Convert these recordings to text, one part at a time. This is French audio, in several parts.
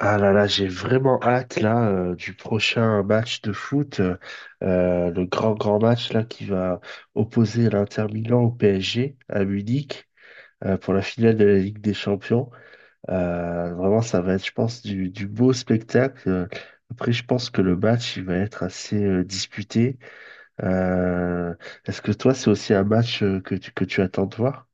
Ah là là, j'ai vraiment hâte là du prochain match de foot, le grand match là qui va opposer l'Inter Milan au PSG à Munich pour la finale de la Ligue des Champions. Vraiment, ça va être, je pense, du beau spectacle. Après, je pense que le match il va être assez disputé. Euh, Est-ce que toi, c'est aussi un match que que tu attends de voir?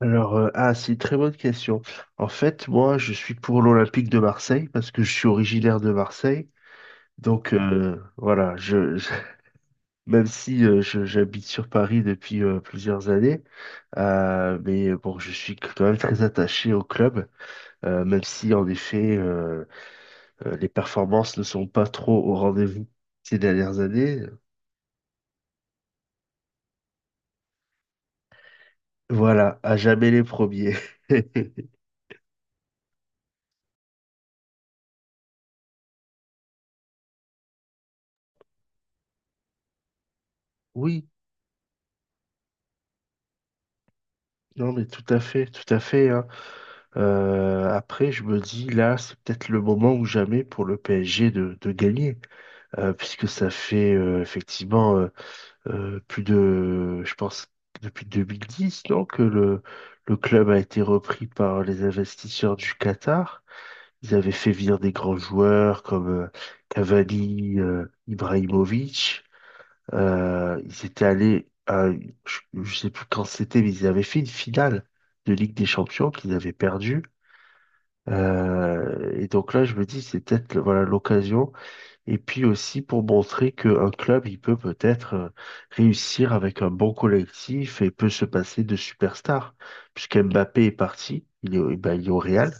Alors, ah, c'est une très bonne question. En fait, moi, je suis pour l'Olympique de Marseille parce que je suis originaire de Marseille. Donc, voilà, même si j'habite sur Paris depuis plusieurs années, mais bon, je suis quand même très attaché au club, même si, en effet, les performances ne sont pas trop au rendez-vous ces dernières années. Voilà, à jamais les premiers. Oui, non, mais tout à fait, tout à fait, hein. Après, je me dis, là, c'est peut-être le moment ou jamais pour le PSG de gagner, puisque ça fait effectivement, plus de, je pense, depuis 2010, non, que le club a été repris par les investisseurs du Qatar. Ils avaient fait venir des grands joueurs comme Cavani, Ibrahimovic. Ils étaient allés à, je sais plus quand c'était, mais ils avaient fait une finale de Ligue des Champions qu'ils avaient perdue. Et donc là, je me dis, c'est peut-être voilà l'occasion. Et puis aussi pour montrer qu'un club, il peut peut-être réussir avec un bon collectif et peut se passer de superstars. Puisque Mbappé est parti, il est, ben, il est au Real.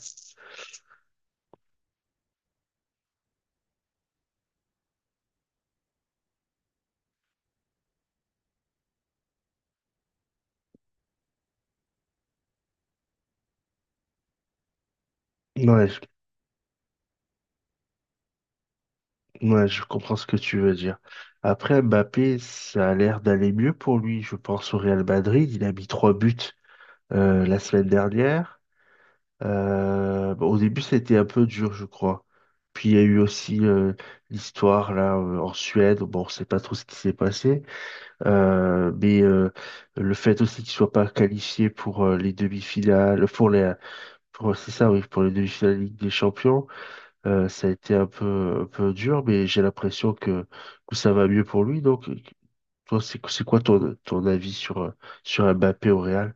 Ouais, je, ouais, je comprends ce que tu veux dire. Après, Mbappé, ça a l'air d'aller mieux pour lui, je pense, au Real Madrid. Il a mis trois buts la semaine dernière. Bon, au début, ça a été un peu dur, je crois. Puis il y a eu aussi l'histoire là en Suède. Bon, on sait pas trop ce qui s'est passé. Mais le fait aussi qu'ils soient pas qualifiés pour les demi-finales, pour pour, c'est ça, oui, pour les demi-finales de Ligue des Champions, ça a été un peu dur, mais j'ai l'impression que ça va mieux pour lui. Donc, toi, c'est quoi ton avis sur sur Mbappé au Real?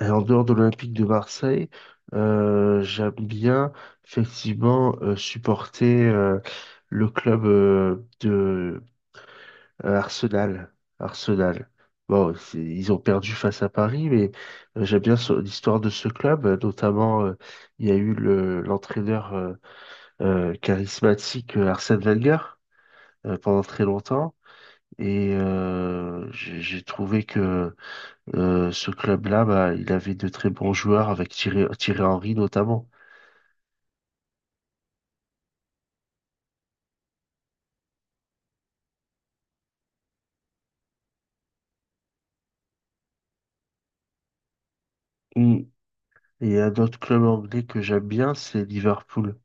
Et en dehors de l'Olympique de Marseille, j'aime bien effectivement supporter le club de Arsenal. Arsenal. Bon, ils ont perdu face à Paris, mais j'aime bien l'histoire de ce club. Notamment, il y a eu l'entraîneur charismatique Arsène Wenger pendant très longtemps. Et j'ai trouvé que ce club-là, bah, il avait de très bons joueurs avec Thierry Henry notamment. Mm. Et un autre club anglais que j'aime bien, c'est Liverpool.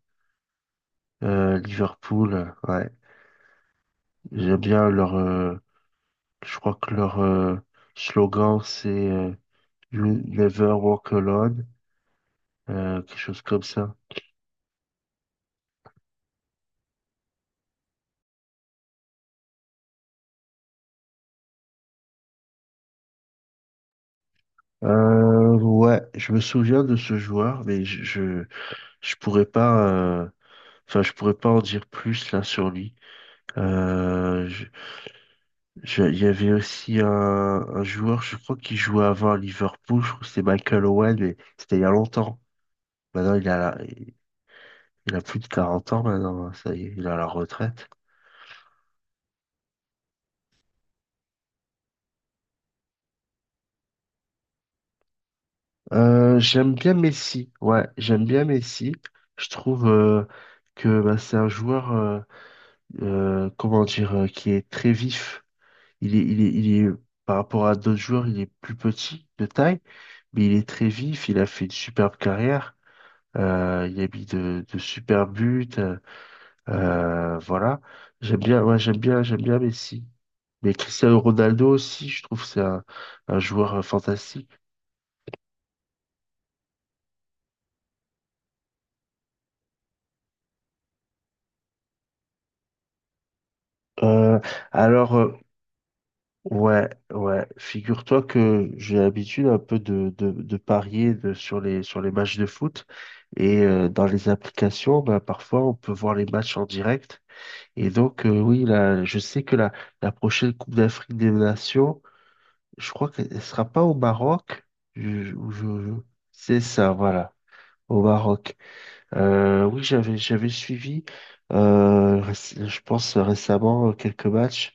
Liverpool, ouais. J'aime bien leur, je crois que leur slogan, c'est You never walk alone, quelque chose comme ça. Ouais, je me souviens de ce joueur, mais je pourrais pas, enfin, je pourrais pas en dire plus là sur lui. Euh, Il y avait aussi un joueur, je crois, qui jouait avant à Liverpool, je crois que c'est Michael Owen, mais c'était il y a longtemps. Maintenant, il a plus de 40 ans maintenant, hein, ça y est, il a la retraite. J'aime bien Messi, ouais, j'aime bien Messi. Je trouve que bah, c'est un joueur, comment dire, qui est très vif. Il est, par rapport à d'autres joueurs, il est plus petit de taille, mais il est très vif, il a fait une superbe carrière. Il y a mis de super buts. Voilà. J'aime bien, ouais, j'aime bien Messi. Mais Cristiano Ronaldo aussi, je trouve que c'est un joueur fantastique. Euh, alors, ouais, ouais, figure-toi que j'ai l'habitude un peu de parier sur sur les matchs de foot. Et dans les applications, bah, parfois, on peut voir les matchs en direct. Et donc, oui, là, je sais que la prochaine Coupe d'Afrique des Nations, je crois qu'elle ne sera pas au Maroc. Je- je- je- c'est ça, voilà, au Maroc. Oui, j'avais suivi, je pense récemment, quelques matchs,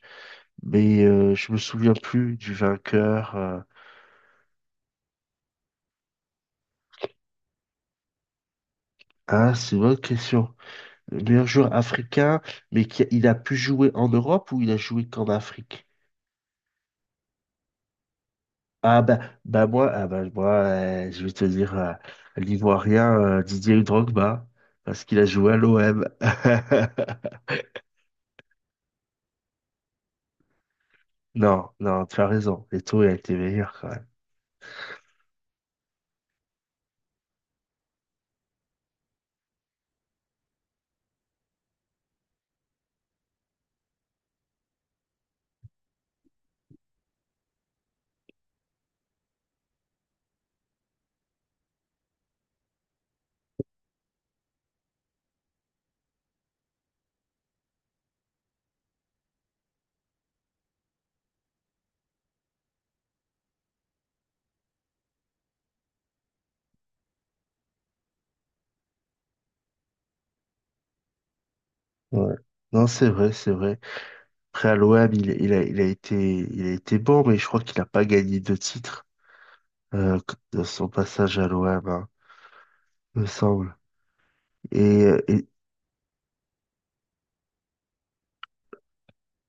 mais je me souviens plus du vainqueur. Ah, c'est une bonne question. Le meilleur joueur africain, mais qui, il a pu jouer en Europe ou il a joué qu'en Afrique? Ah bah, moi je vais te dire l'Ivoirien Didier Drogba, parce qu'il a joué à l'OM. Non, non, tu as raison. Eto'o a été meilleur quand même. Ouais. Non, c'est vrai, c'est vrai. Après, à l'OM, il a été bon, mais je crois qu'il n'a pas gagné de titre euh, de son passage à l'OM, hein, me semble. Et, et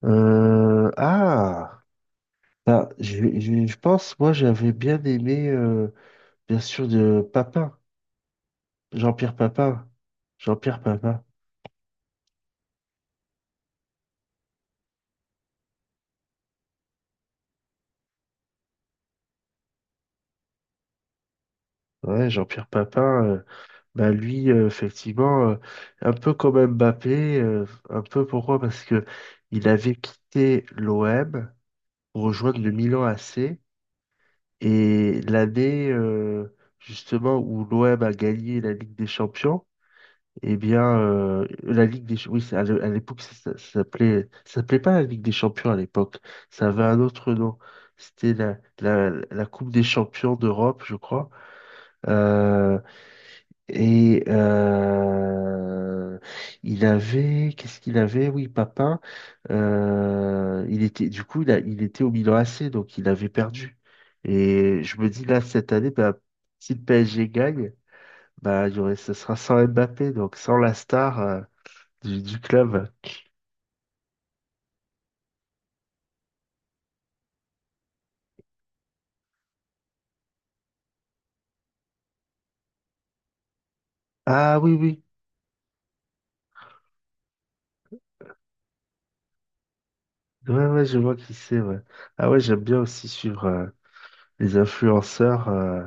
euh, ah, je pense, moi, j'avais bien aimé, bien sûr, de Papin, Jean-Pierre Papin. Jean-Pierre Papin. Ouais, Jean-Pierre Papin. Bah lui, effectivement, un peu comme Mbappé, un peu pourquoi? Parce que il avait quitté l'OM pour rejoindre le Milan AC et l'année justement où l'OM a gagné la Ligue des Champions, eh bien la Ligue des oui à l'époque ça s'appelait pas la Ligue des Champions à l'époque, ça avait un autre nom, c'était la Coupe des Champions d'Europe, je crois. Euh, et il avait, qu'est-ce qu'il avait? Oui, Papin. Il était, du coup, il était au Milan AC, donc il avait perdu. Et je me dis là cette année, bah, si le PSG gagne, bah, il y aurait, ce sera sans Mbappé, donc sans la star du club. Ah oui, oui, ouais, ouais, je vois qui c'est. Ouais. Ah ouais, j'aime bien aussi suivre les influenceurs.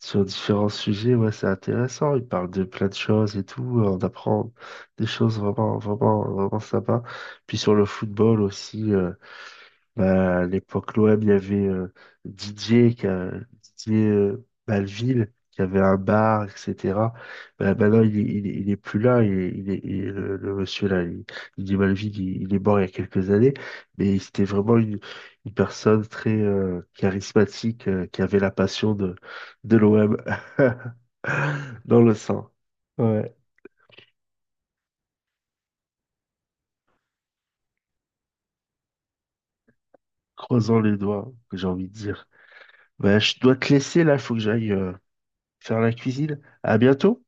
Sur différents sujets, ouais, c'est intéressant. Il parle de plein de choses et tout. On apprend des choses vraiment, vraiment, vraiment sympas. Puis sur le football aussi, bah, à l'époque, l'OM, il y avait Didier, qui a- Didier Balville, qui avait un bar, etc. Bah, maintenant, il est plus là. Le monsieur, Didier Balville, il est mort il y a quelques années. Mais c'était vraiment une personne très charismatique, qui avait la passion de l'OM dans le sang. Ouais. Croisons les doigts, que j'ai envie de dire. Bah, je dois te laisser, là, il faut que j'aille faire la cuisine. À bientôt!